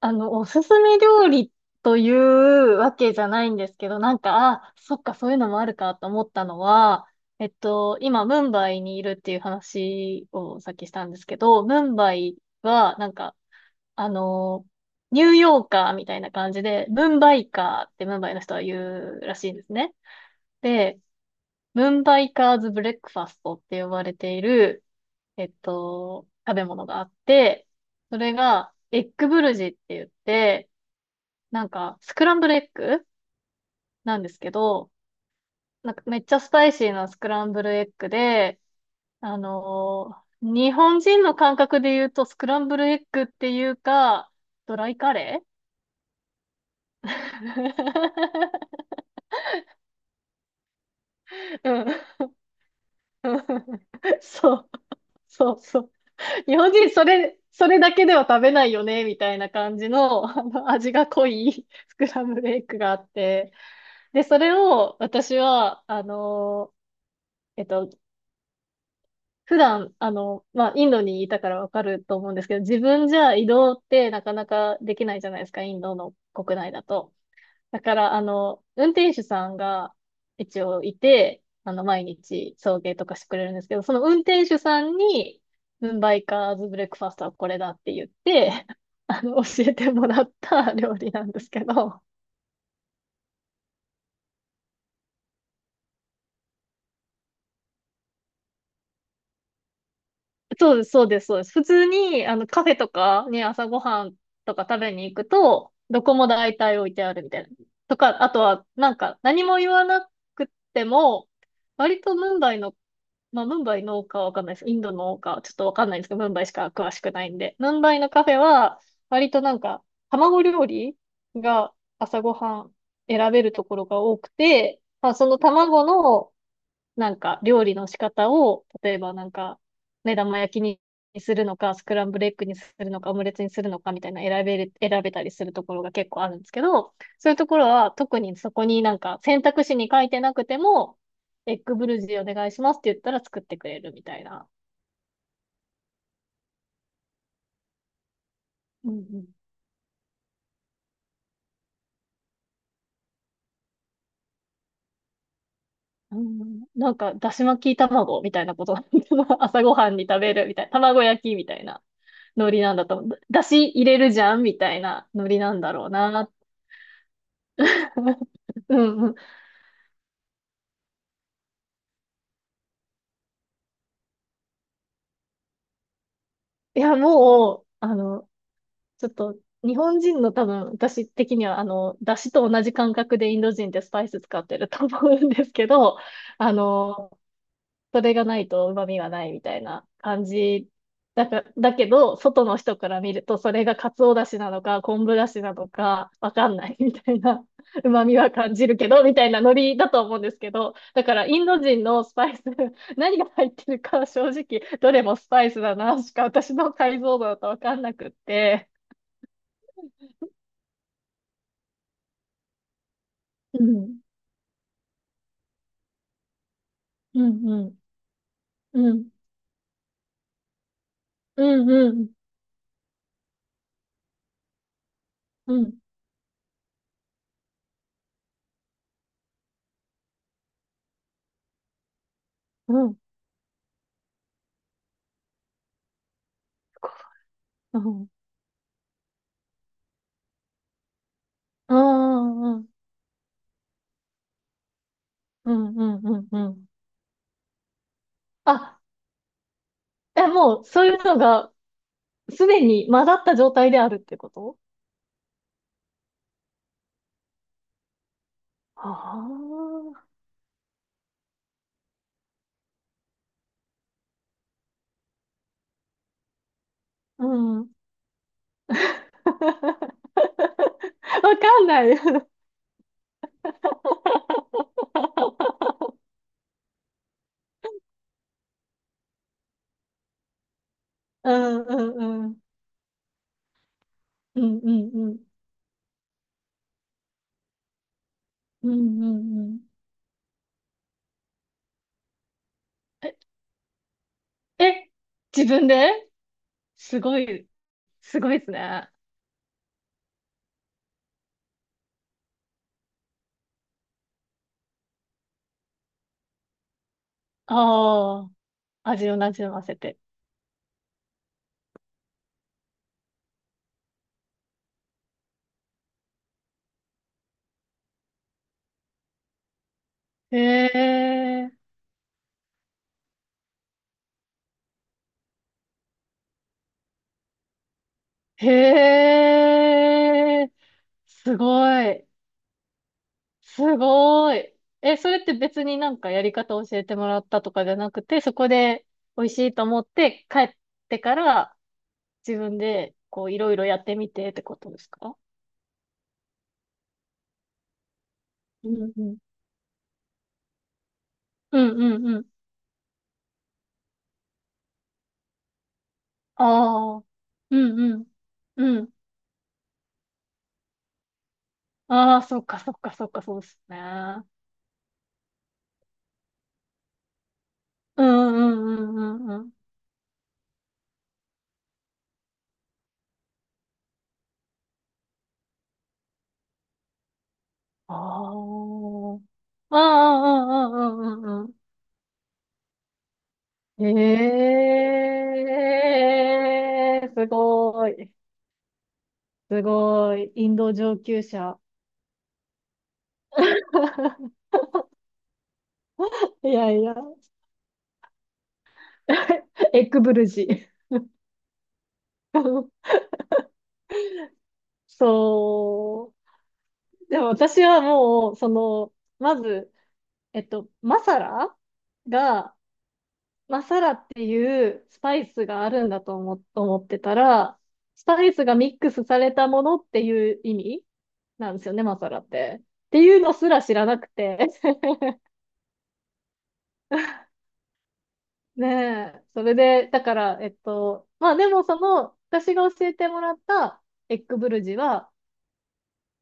おすすめ料理というわけじゃないんですけど、なんか、あ、そっか、そういうのもあるかと思ったのは、今、ムンバイにいるっていう話をさっきしたんですけど、ムンバイは、なんか、あの、ニューヨーカーみたいな感じで、ムンバイカーってムンバイの人は言うらしいんですね。で、ムンバイカーズブレックファストって呼ばれている、食べ物があって、それが、エッグブルジって言って、なんか、スクランブルエッグなんですけど、なんかめっちゃスパイシーなスクランブルエッグで、日本人の感覚で言うとスクランブルエッグっていうか、ドライカレー うん。うん、そう、そうそう。日本人それ、それだけでは食べないよね、みたいな感じの、あの味が濃いスクランブルエッグがあって、で、それを私は、ーえっと、普段、まあ、インドにいたからわかると思うんですけど、自分じゃ移動ってなかなかできないじゃないですか、インドの国内だと。だから、運転手さんが一応いて、毎日送迎とかしてくれるんですけど、その運転手さんに、ムンバイカーズブレックファーストはこれだって言って、教えてもらった料理なんですけど、そうです、そうです、そうです。普通に、カフェとかね、朝ごはんとか食べに行くと、どこも大体置いてあるみたいな。とか、あとは、なんか、何も言わなくても、割とムンバイの、まあ、ムンバイのかわかんないです。インドのか、ちょっとわかんないんですけど、ムンバイしか詳しくないんで。ムンバイのカフェは、割となんか、卵料理が朝ごはん選べるところが多くて、まあ、その卵の、なんか料理の仕方を、例えばなんか、目玉焼きにするのか、スクランブルエッグにするのか、オムレツにするのかみたいな選べたりするところが結構あるんですけど、そういうところは特にそこになんか選択肢に書いてなくても、エッグブルジーお願いしますって言ったら作ってくれるみたいな。うんうん。うん、なんか、だし巻き卵みたいなこと。朝ごはんに食べるみたいな。卵焼きみたいな。ノリなんだと思う。だし入れるじゃんみたいなノリなんだろうなっ うんうん。いや、もう、ちょっと、日本人の多分、私的には、だしと同じ感覚でインド人ってスパイス使ってると思うんですけど、あの、それがないと旨味はないみたいな感じだけど、外の人から見ると、それが鰹だしなのか、昆布だしなのか、わかんないみたいな、旨味は感じるけど、みたいなノリだと思うんですけど、だからインド人のスパイス、何が入ってるか正直、どれもスパイスだな、しか私の解像度だとわかんなくって。うん、うん、うん、うん、うん、うん、うん、うん、うん、うん、うん、うん、うん、うん、うん。あ、え、もう、そういうのが、すでに混ざった状態であるってこと？ああー、うん。わかんない。うんうんうん。うんうんうん。うんうんうん。え、え、自分ですごい、すごいですね。ああ、味をなじませて。へえ、へえ、すごい。すごい。え、それって別になんかやり方教えてもらったとかじゃなくて、そこで美味しいと思って帰ってから自分でこういろいろやってみてってことですか？うんうん。うんうんうん。ああ。うんうん。うん。ああ、そっかそっかそっか、そうですね。うんうんうんうんうん。ああ。ああ、うんうんうんうんうん。え、えー、すごい。すごい。インド上級者。いやいや。エッグブルジ。そう。でも私はもう、その、まず、マサラが、マサラっていうスパイスがあるんだと思ってたら、スパイスがミックスされたものっていう意味なんですよね、マサラって。っていうのすら知らなくて。ねえ、それで、だから、まあでもその、私が教えてもらったエッグブルジは、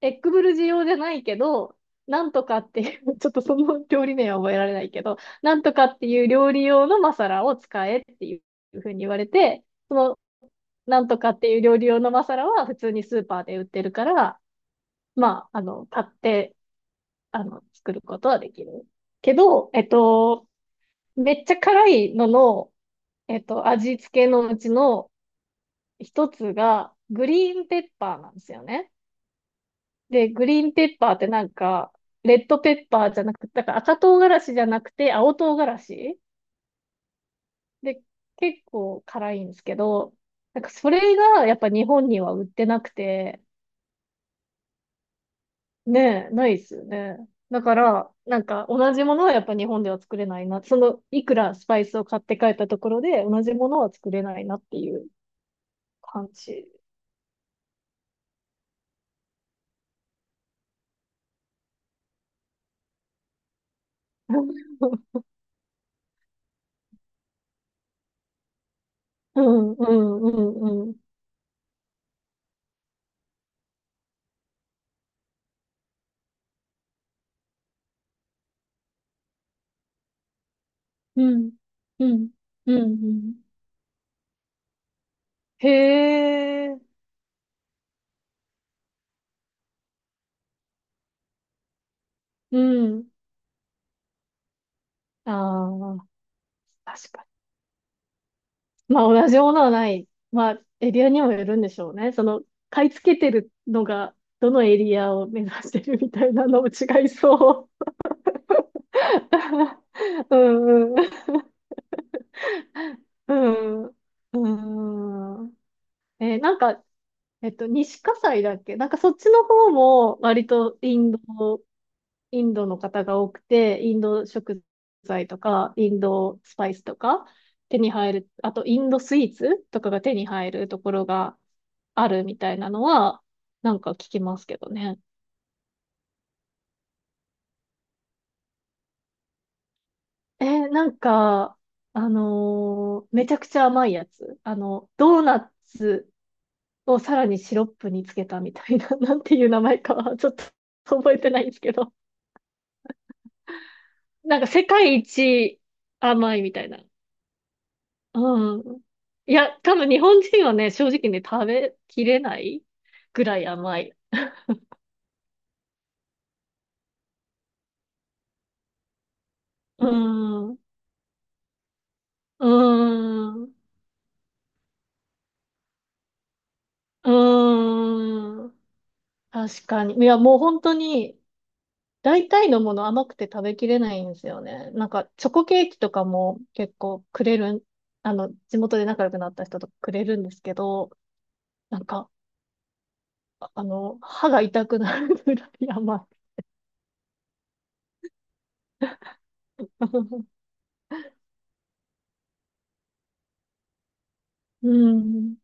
エッグブルジ用じゃないけど、なんとかっていう、ちょっとその料理名は覚えられないけど、なんとかっていう料理用のマサラを使えっていうふうに言われて、なんとかっていう料理用のマサラは普通にスーパーで売ってるから、まあ、買って、作ることはできる。けど、めっちゃ辛いのの、味付けのうちの、一つが、グリーンペッパーなんですよね。で、グリーンペッパーってなんか、レッドペッパーじゃなくて、だから赤唐辛子じゃなくて青唐辛子で、結構辛いんですけど、なんかそれがやっぱ日本には売ってなくて、ねえ、ないですよね。だから、なんか同じものはやっぱ日本では作れないな。その、いくらスパイスを買って帰ったところで同じものは作れないなっていう感じ。うんうんうんうんうん、うん、うん、うん。へえ、うん。ああ、確かに。まあ、同じものはない。まあ、エリアにもよるんでしょうね。その、買い付けてるのが、どのエリアを目指してるみたいなのも違いそう。うん、うん、うん。うん。えーなんか、西葛西だっけ、なんかそっちの方も割とインドの方が多くて、インド食材とか、インドスパイスとか手に入る、あとインドスイーツとかが手に入るところがあるみたいなのは、なんか聞きますけどね。えーなんか、めちゃくちゃ甘いやつ。あの、ドーナツをさらにシロップにつけたみたいな、なんていう名前かはちょっと覚えてないんですけど。なんか世界一甘いみたいな。うん。いや、多分日本人はね、正直ね、食べきれないぐらい甘い。うん。うん。うん。確かに。いや、もう本当に、大体のもの甘くて食べきれないんですよね。なんか、チョコケーキとかも結構くれるん、あの、地元で仲良くなった人とかくれるんですけど、なんか、あの、歯が痛くなるぐらい甘い。うん。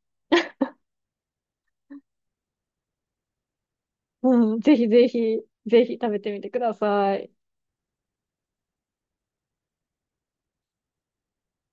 うん。ぜひぜひ、ぜひ食べてみてください。